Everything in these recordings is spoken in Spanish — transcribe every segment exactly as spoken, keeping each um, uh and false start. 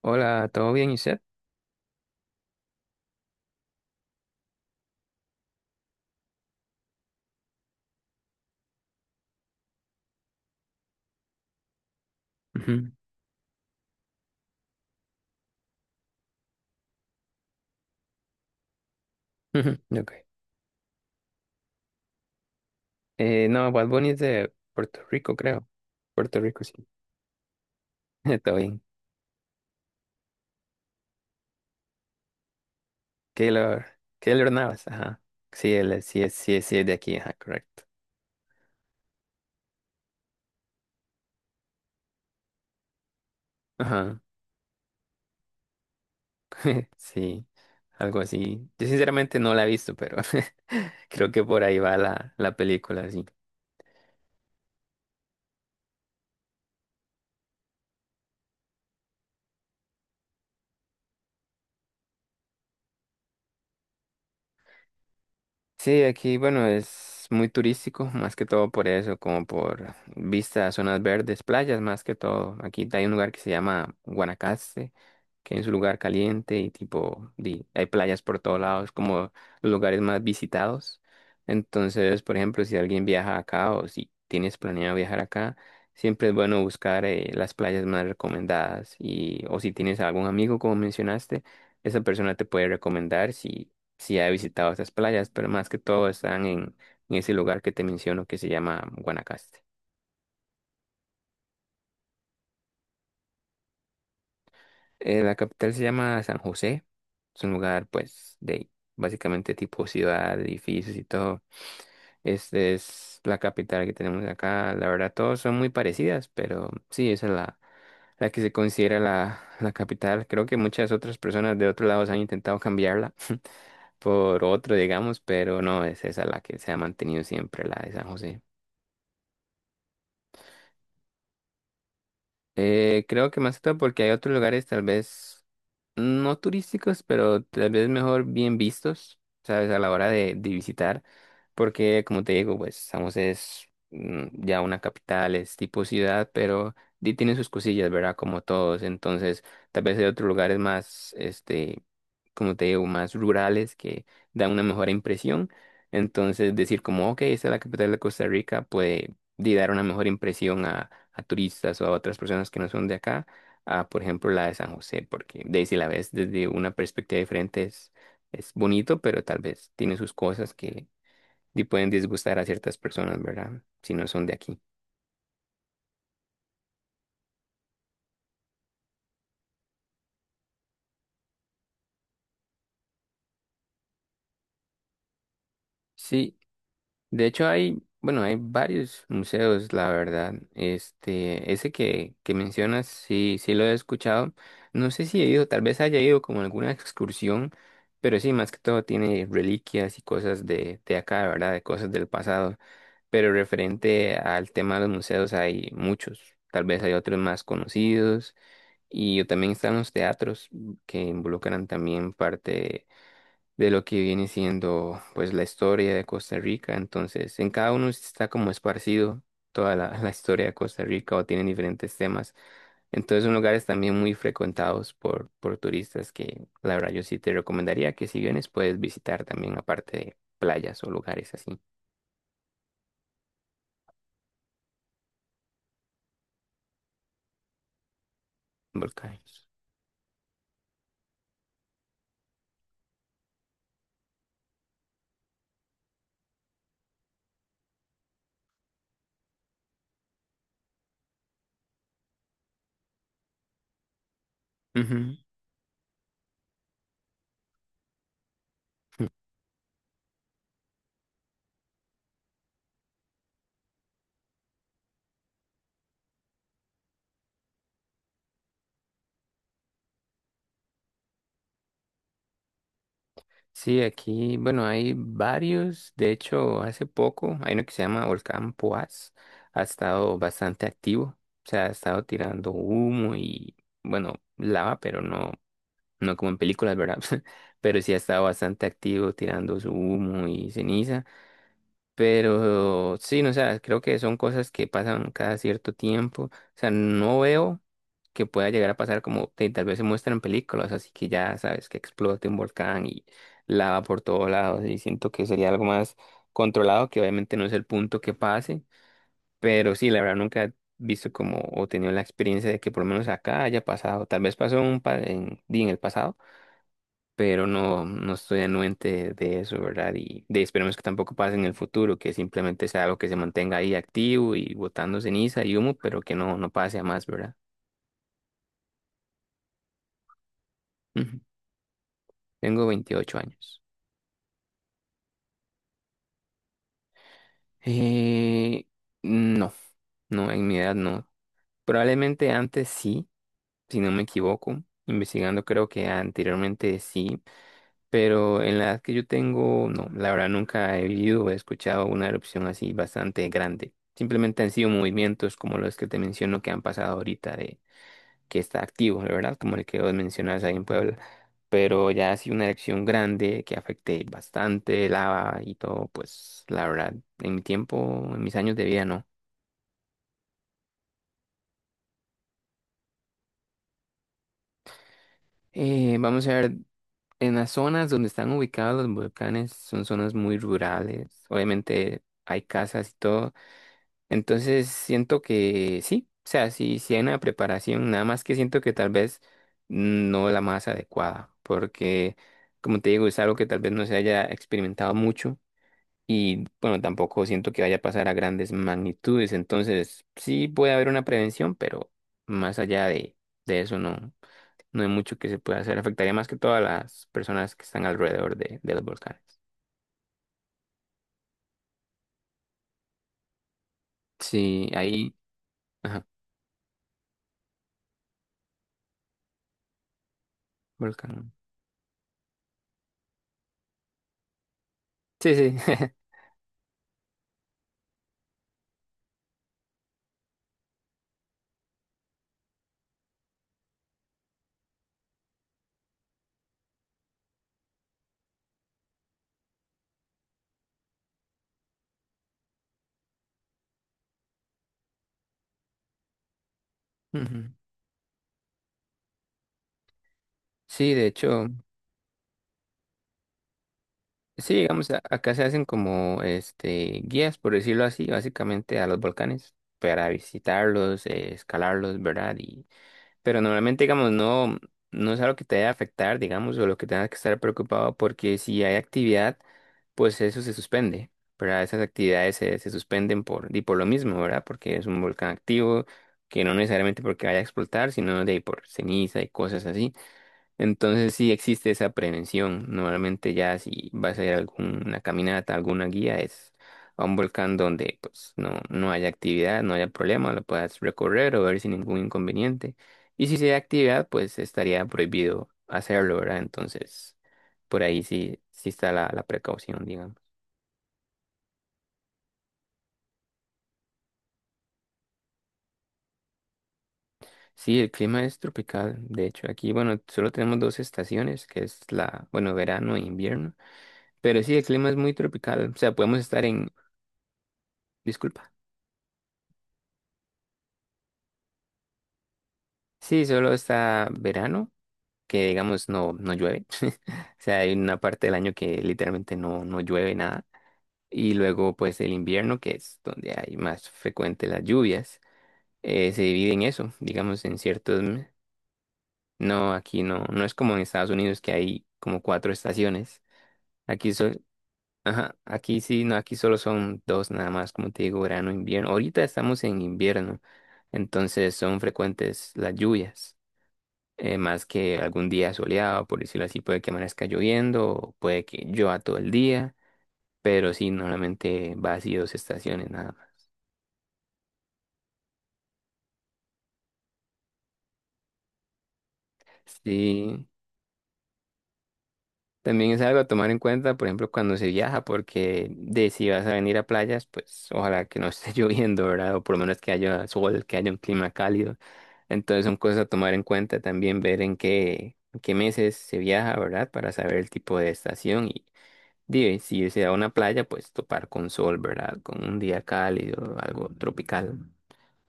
Hola, ¿todo bien, Iset? Ujú. Ujú, ok. Eh, no, Bad Bunny es de Puerto Rico, creo. Puerto Rico, sí. Todo bien. Keylor, Keylor Navas, ajá. Sí, él es- sí, es- sí, es- sí, es de aquí, ajá, correcto. Ajá, sí, algo así. Yo sinceramente no la he visto, pero creo que por ahí va la, la película, sí. Sí, aquí, bueno, es muy turístico, más que todo por eso, como por vistas, a zonas verdes, playas, más que todo. Aquí hay un lugar que se llama Guanacaste, que es un lugar caliente y tipo, di- hay playas por todos lados, como los lugares más visitados. Entonces, por ejemplo, si alguien viaja acá o si tienes planeado viajar acá, siempre es bueno buscar eh, las playas más recomendadas, y o si tienes algún amigo, como mencionaste, esa persona te puede recomendar si, si ha visitado esas playas, pero más que todo están en, en ese lugar que te menciono que se llama Guanacaste. Eh, la capital se llama San José. Es un lugar, pues, de básicamente tipo ciudad, edificios y todo. Es, es la capital que tenemos acá. La verdad, todos son muy parecidas, pero sí, esa es la, la que se considera la, la capital. Creo que muchas otras personas de otros lados han intentado cambiarla por otro, digamos, pero no, es esa la que se ha mantenido siempre, la de San José. Eh, creo que más que todo porque hay otros lugares, tal vez no turísticos, pero tal vez mejor bien vistos, ¿sabes? A la hora de, de visitar, porque como te digo, pues San José es mm, ya una capital, es tipo ciudad, pero di- tiene sus cosillas, ¿verdad? Como todos, entonces tal vez hay otros lugares más, este, como te digo, más rurales que dan una mejor impresión. Entonces decir como, ok, esta es la capital de Costa Rica, puede di, dar una mejor impresión a, a turistas o a otras personas que no son de acá a, por ejemplo, la de San José, porque de ahí, si la ves desde una perspectiva diferente, es, es bonito, pero tal vez tiene sus cosas que di- pueden disgustar a ciertas personas, ¿verdad? Si no son de aquí. Sí, de hecho hay, bueno, hay varios museos, la verdad. Este, ese que, que mencionas, sí, sí lo he escuchado. No sé si he ido, tal vez haya ido como en alguna excursión, pero sí, más que todo tiene reliquias y cosas de, de acá, ¿verdad? De cosas del pasado. Pero referente al tema de los museos hay muchos, tal vez hay otros más conocidos, y yo también están los teatros, mm, que involucran también parte de lo que viene siendo pues la historia de Costa Rica. Entonces en cada uno está como esparcido toda la, la historia de Costa Rica, o tienen diferentes temas. Entonces son lugares también muy frecuentados por, por turistas, que la verdad yo sí te recomendaría que si vienes puedes visitar también aparte de playas o lugares así, volcanes. Ujú. Sí, aquí, bueno, hay varios. De hecho, hace poco hay uno que se llama Volcán Poás. Ha estado bastante activo. O sea, ha estado tirando humo y, bueno, lava, pero no, no como en películas, ¿verdad? Pero sí ha estado bastante activo tirando su humo y ceniza. Pero sí, no, o sea, creo que son cosas que pasan cada cierto tiempo. O sea, no veo que pueda llegar a pasar como te- tal vez se muestran películas, así que ya sabes que explote un volcán y lava por todos lados. Y siento que sería algo más controlado, que obviamente no es el punto que pase. Pero sí, la verdad nunca he visto como o tenido la experiencia de que por lo menos acá haya pasado. Tal vez pasó en un pa- en, di, en el pasado, pero no, no estoy anuente de eso, ¿verdad? Y de, esperemos que tampoco pase en el futuro, que simplemente sea algo que se mantenga ahí activo y botando ceniza y humo, pero que no, no pase a más, ¿verdad? Ujú. Tengo veintiocho años. Eh, no, no, en mi edad no. Probablemente antes sí, si no me equivoco. Investigando creo que anteriormente sí, pero en la edad que yo tengo, no, la verdad nunca he vivido o he escuchado una erupción así bastante grande. Simplemente han sido movimientos como los que te menciono que han pasado ahorita de que está activo, la verdad, como el que vos mencionas ahí en Puebla. Pero ya así una erupción grande que afecte bastante lava y todo, pues la verdad, en mi tiempo, en mis años de vida, no. Eh, vamos a ver, en las zonas donde están ubicados los volcanes son zonas muy rurales. Obviamente hay casas y todo. Entonces siento que sí, o sea, sí, sí hay una preparación, nada más que siento que tal vez no la más adecuada, porque como te digo, es algo que tal vez no se haya experimentado mucho, y bueno, tampoco siento que vaya a pasar a grandes magnitudes. Entonces sí puede haber una prevención, pero más allá de, de eso no, no hay mucho que se pueda hacer. Afectaría más que todas las personas que están alrededor de, de los volcanes. Sí, ahí, ajá, volcán. Sí, sí. Ujú. Sí, de hecho. Sí, digamos, a- acá se hacen como este guías, por decirlo así, básicamente a los volcanes para visitarlos, eh, escalarlos, ¿verdad? Y, pero normalmente, digamos, no, no es algo que te vaya a afectar, digamos, o lo que tengas que estar preocupado, porque si hay actividad, pues eso se suspende, ¿verdad? Esas actividades se, se suspenden por, y por lo mismo, ¿verdad? Porque es un volcán activo, que no necesariamente porque vaya a explotar, sino de ahí por ceniza y cosas así. Entonces sí existe esa prevención. Normalmente ya si vas a ir a alguna caminata, alguna guía, es a un volcán donde pues no, no haya actividad, no haya problema, lo puedas recorrer o ver sin ningún inconveniente. Y si sí hay actividad, pues estaría prohibido hacerlo, ¿verdad? Entonces, por ahí sí, sí está la, la precaución, digamos. Sí, el clima es tropical. De hecho, aquí, bueno, solo tenemos dos estaciones, que es la, bueno, verano e invierno. Pero sí, el clima es muy tropical. O sea, podemos estar en... Disculpa. Sí, solo está verano, que digamos no, no llueve. O sea, hay una parte del año que literalmente no, no llueve nada. Y luego pues el invierno, que es donde hay más frecuente las lluvias. Eh, se divide en eso, digamos en ciertos... me- No, aquí no, no es como en Estados Unidos que hay como cuatro estaciones. Aquí sol, ajá, aquí sí, no, aquí solo son dos nada más, como te digo, verano, invierno. Ahorita estamos en invierno, entonces son frecuentes las lluvias. Eh, más que algún día soleado, por decirlo así, puede que amanezca lloviendo, o puede que llueva todo el día, pero sí, normalmente va así dos estaciones nada más. Sí, también es algo a tomar en cuenta, por ejemplo, cuando se viaja, porque de si vas a venir a playas, pues ojalá que no esté lloviendo, ¿verdad? O por lo menos que haya sol, que haya un clima cálido. Entonces son cosas a tomar en cuenta también, ver en qué, en qué meses se viaja, ¿verdad? Para saber el tipo de estación. Dime, si irse a una playa, pues topar con sol, ¿verdad? Con un día cálido, algo tropical,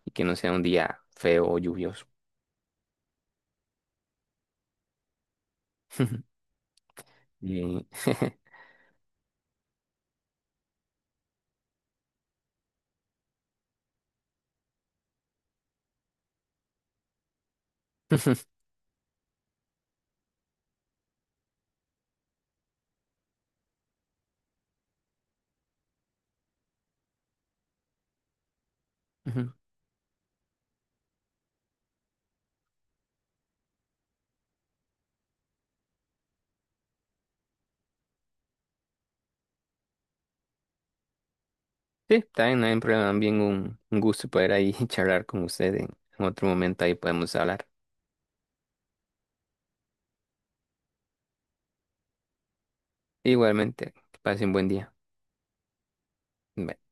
y que no sea un día feo o lluvioso. Y- Ujú. Sí, también no hay problema, también un, un gusto poder ahí charlar con usted en, en otro momento, ahí podemos hablar. Igualmente, que pase un buen día. Bye.